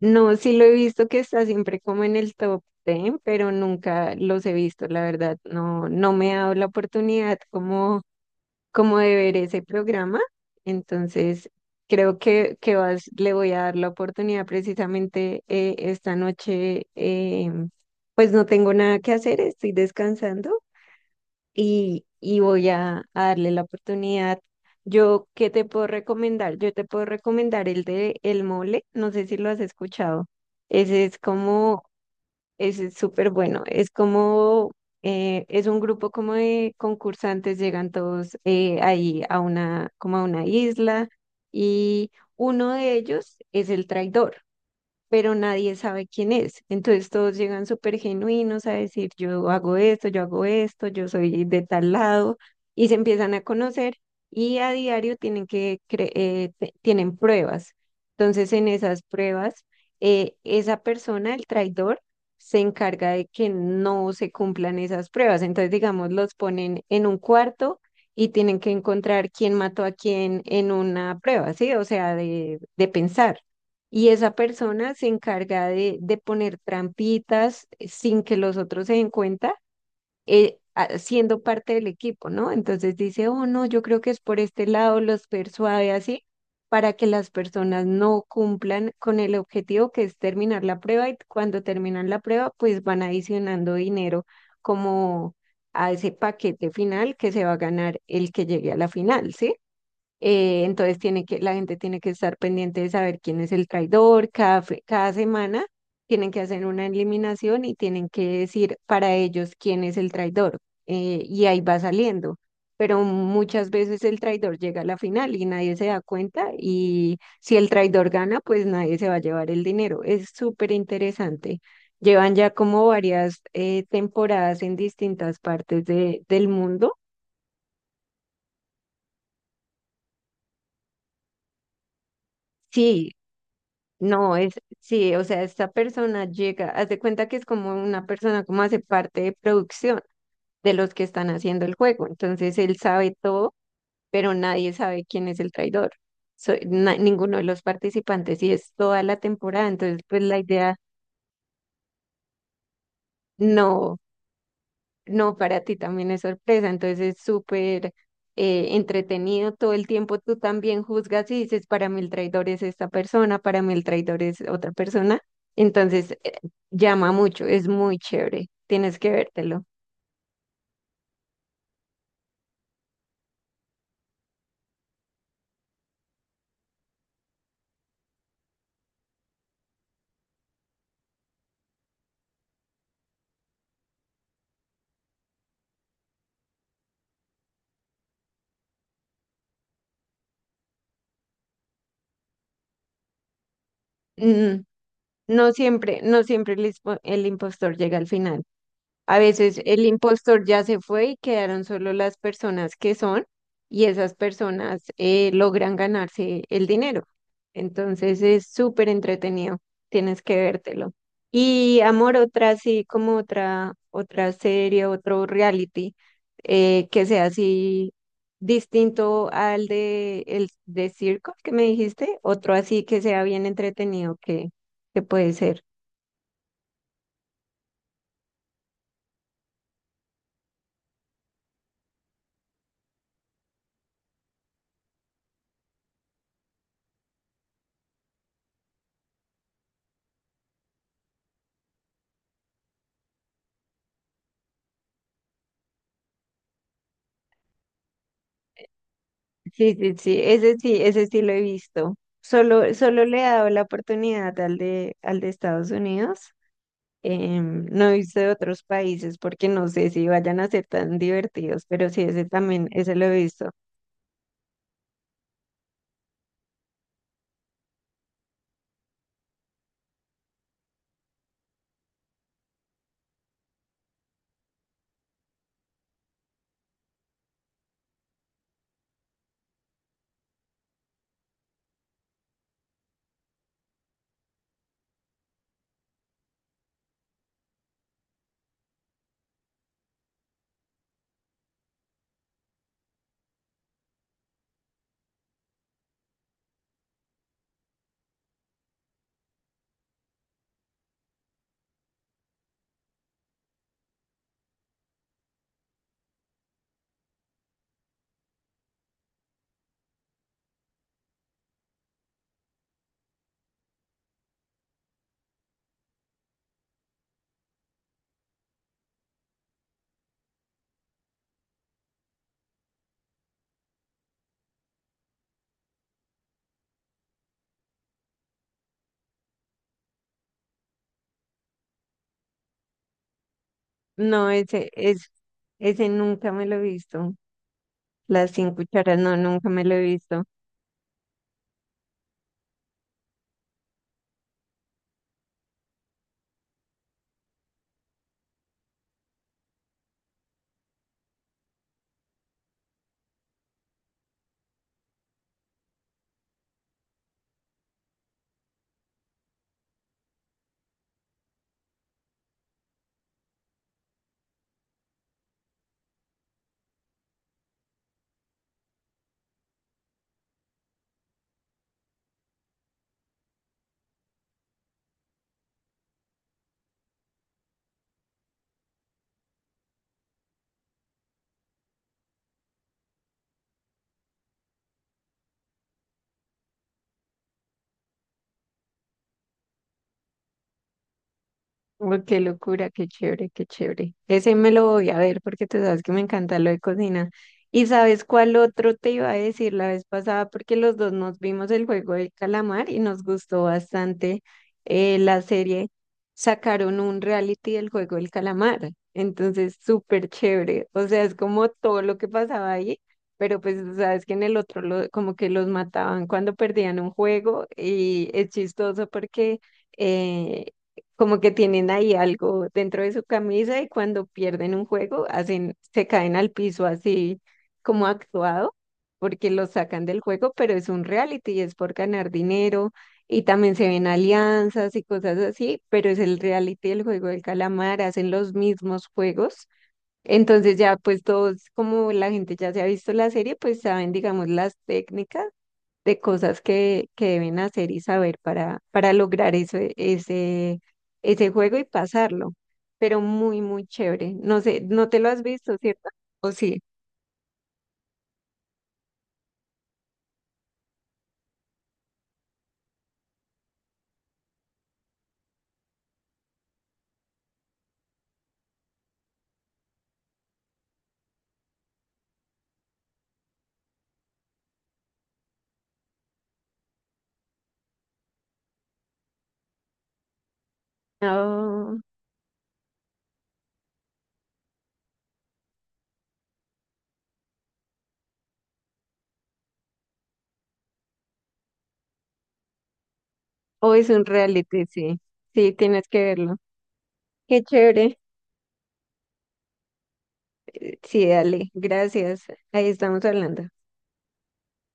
No, sí lo he visto que está siempre como en el top 10, pero nunca los he visto, la verdad. No, no me ha dado la oportunidad como de ver ese programa. Entonces, creo que le voy a dar la oportunidad precisamente esta noche. Pues no tengo nada que hacer, estoy descansando y voy a darle la oportunidad. Yo, ¿qué te puedo recomendar? Yo te puedo recomendar el de El Mole, no sé si lo has escuchado. Ese es como, Ese es súper bueno, es como, es un grupo como de concursantes, llegan todos ahí a una, como a una isla y uno de ellos es el traidor, pero nadie sabe quién es. Entonces todos llegan súper genuinos a decir, yo hago esto, yo hago esto, yo soy de tal lado, y se empiezan a conocer y a diario tienen que, cre- te- tienen pruebas. Entonces en esas pruebas, esa persona, el traidor, se encarga de que no se cumplan esas pruebas. Entonces, digamos, los ponen en un cuarto. Y tienen que encontrar quién mató a quién en una prueba, ¿sí? O sea, de pensar. Y esa persona se encarga de poner trampitas sin que los otros se den cuenta, siendo parte del equipo, ¿no? Entonces dice, oh, no, yo creo que es por este lado, los persuade así, para que las personas no cumplan con el objetivo que es terminar la prueba y cuando terminan la prueba, pues van adicionando dinero como a ese paquete final que se va a ganar el que llegue a la final, ¿sí? Entonces tiene que, la gente tiene que estar pendiente de saber quién es el traidor. Cada semana tienen que hacer una eliminación y tienen que decir para ellos quién es el traidor. Y ahí va saliendo. Pero muchas veces el traidor llega a la final y nadie se da cuenta. Y si el traidor gana, pues nadie se va a llevar el dinero. Es súper interesante. Llevan ya como varias temporadas en distintas partes de- del mundo. Sí, no, es, sí, o sea, esta persona llega, haz de cuenta que es como una persona como hace parte de producción de los que están haciendo el juego. Entonces él sabe todo, pero nadie sabe quién es el traidor. Ninguno de los participantes y es toda la temporada. Entonces, pues la idea no. No, para ti también es sorpresa, entonces es súper entretenido todo el tiempo. Tú también juzgas y dices, para mí el traidor es esta persona, para mí el traidor es otra persona. Entonces llama mucho, es muy chévere, tienes que vértelo. Mm, no siempre, no siempre el, ispo- el impostor llega al final. A veces el impostor ya se fue y quedaron solo las personas que son, y esas personas logran ganarse el dinero. Entonces es súper entretenido, tienes que vértelo. Y amor, otra así como otra serie, otro reality que sea así distinto al de Circo que me dijiste, otro así que sea bien entretenido que puede ser. Sí, ese sí lo he visto. Solo le he dado la oportunidad al de Estados Unidos. No he visto de otros países porque no sé si vayan a ser tan divertidos, pero sí, ese también, ese lo he visto. No, ese nunca me lo he visto. Las cinco cucharas, no, nunca me lo he visto. Uy, qué locura, qué chévere, qué chévere. Ese me lo voy a ver porque tú sabes que me encanta lo de cocina. ¿Y sabes cuál otro te iba a decir la vez pasada? Porque los dos nos vimos El Juego del Calamar y nos gustó bastante la serie. Sacaron un reality del juego del calamar. Entonces, súper chévere. O sea, es como todo lo que pasaba ahí, pero pues tú sabes que en el otro como que los mataban cuando perdían un juego y es chistoso porque eh, como que tienen ahí algo dentro de su camisa y cuando pierden un juego hacen, se caen al piso así como actuado, porque los sacan del juego, pero es un reality y es por ganar dinero y también se ven alianzas y cosas así, pero es el reality del juego del calamar, hacen los mismos juegos. Entonces ya pues todos, como la gente ya se ha visto la serie, pues saben, digamos, las técnicas de cosas que deben hacer y saber para lograr ese juego y pasarlo. Pero muy chévere. No sé, no te lo has visto, ¿cierto? ¿O sí? Oh, o es un reality, sí. Sí, tienes que verlo. Qué chévere. Sí, dale. Gracias. Ahí estamos hablando.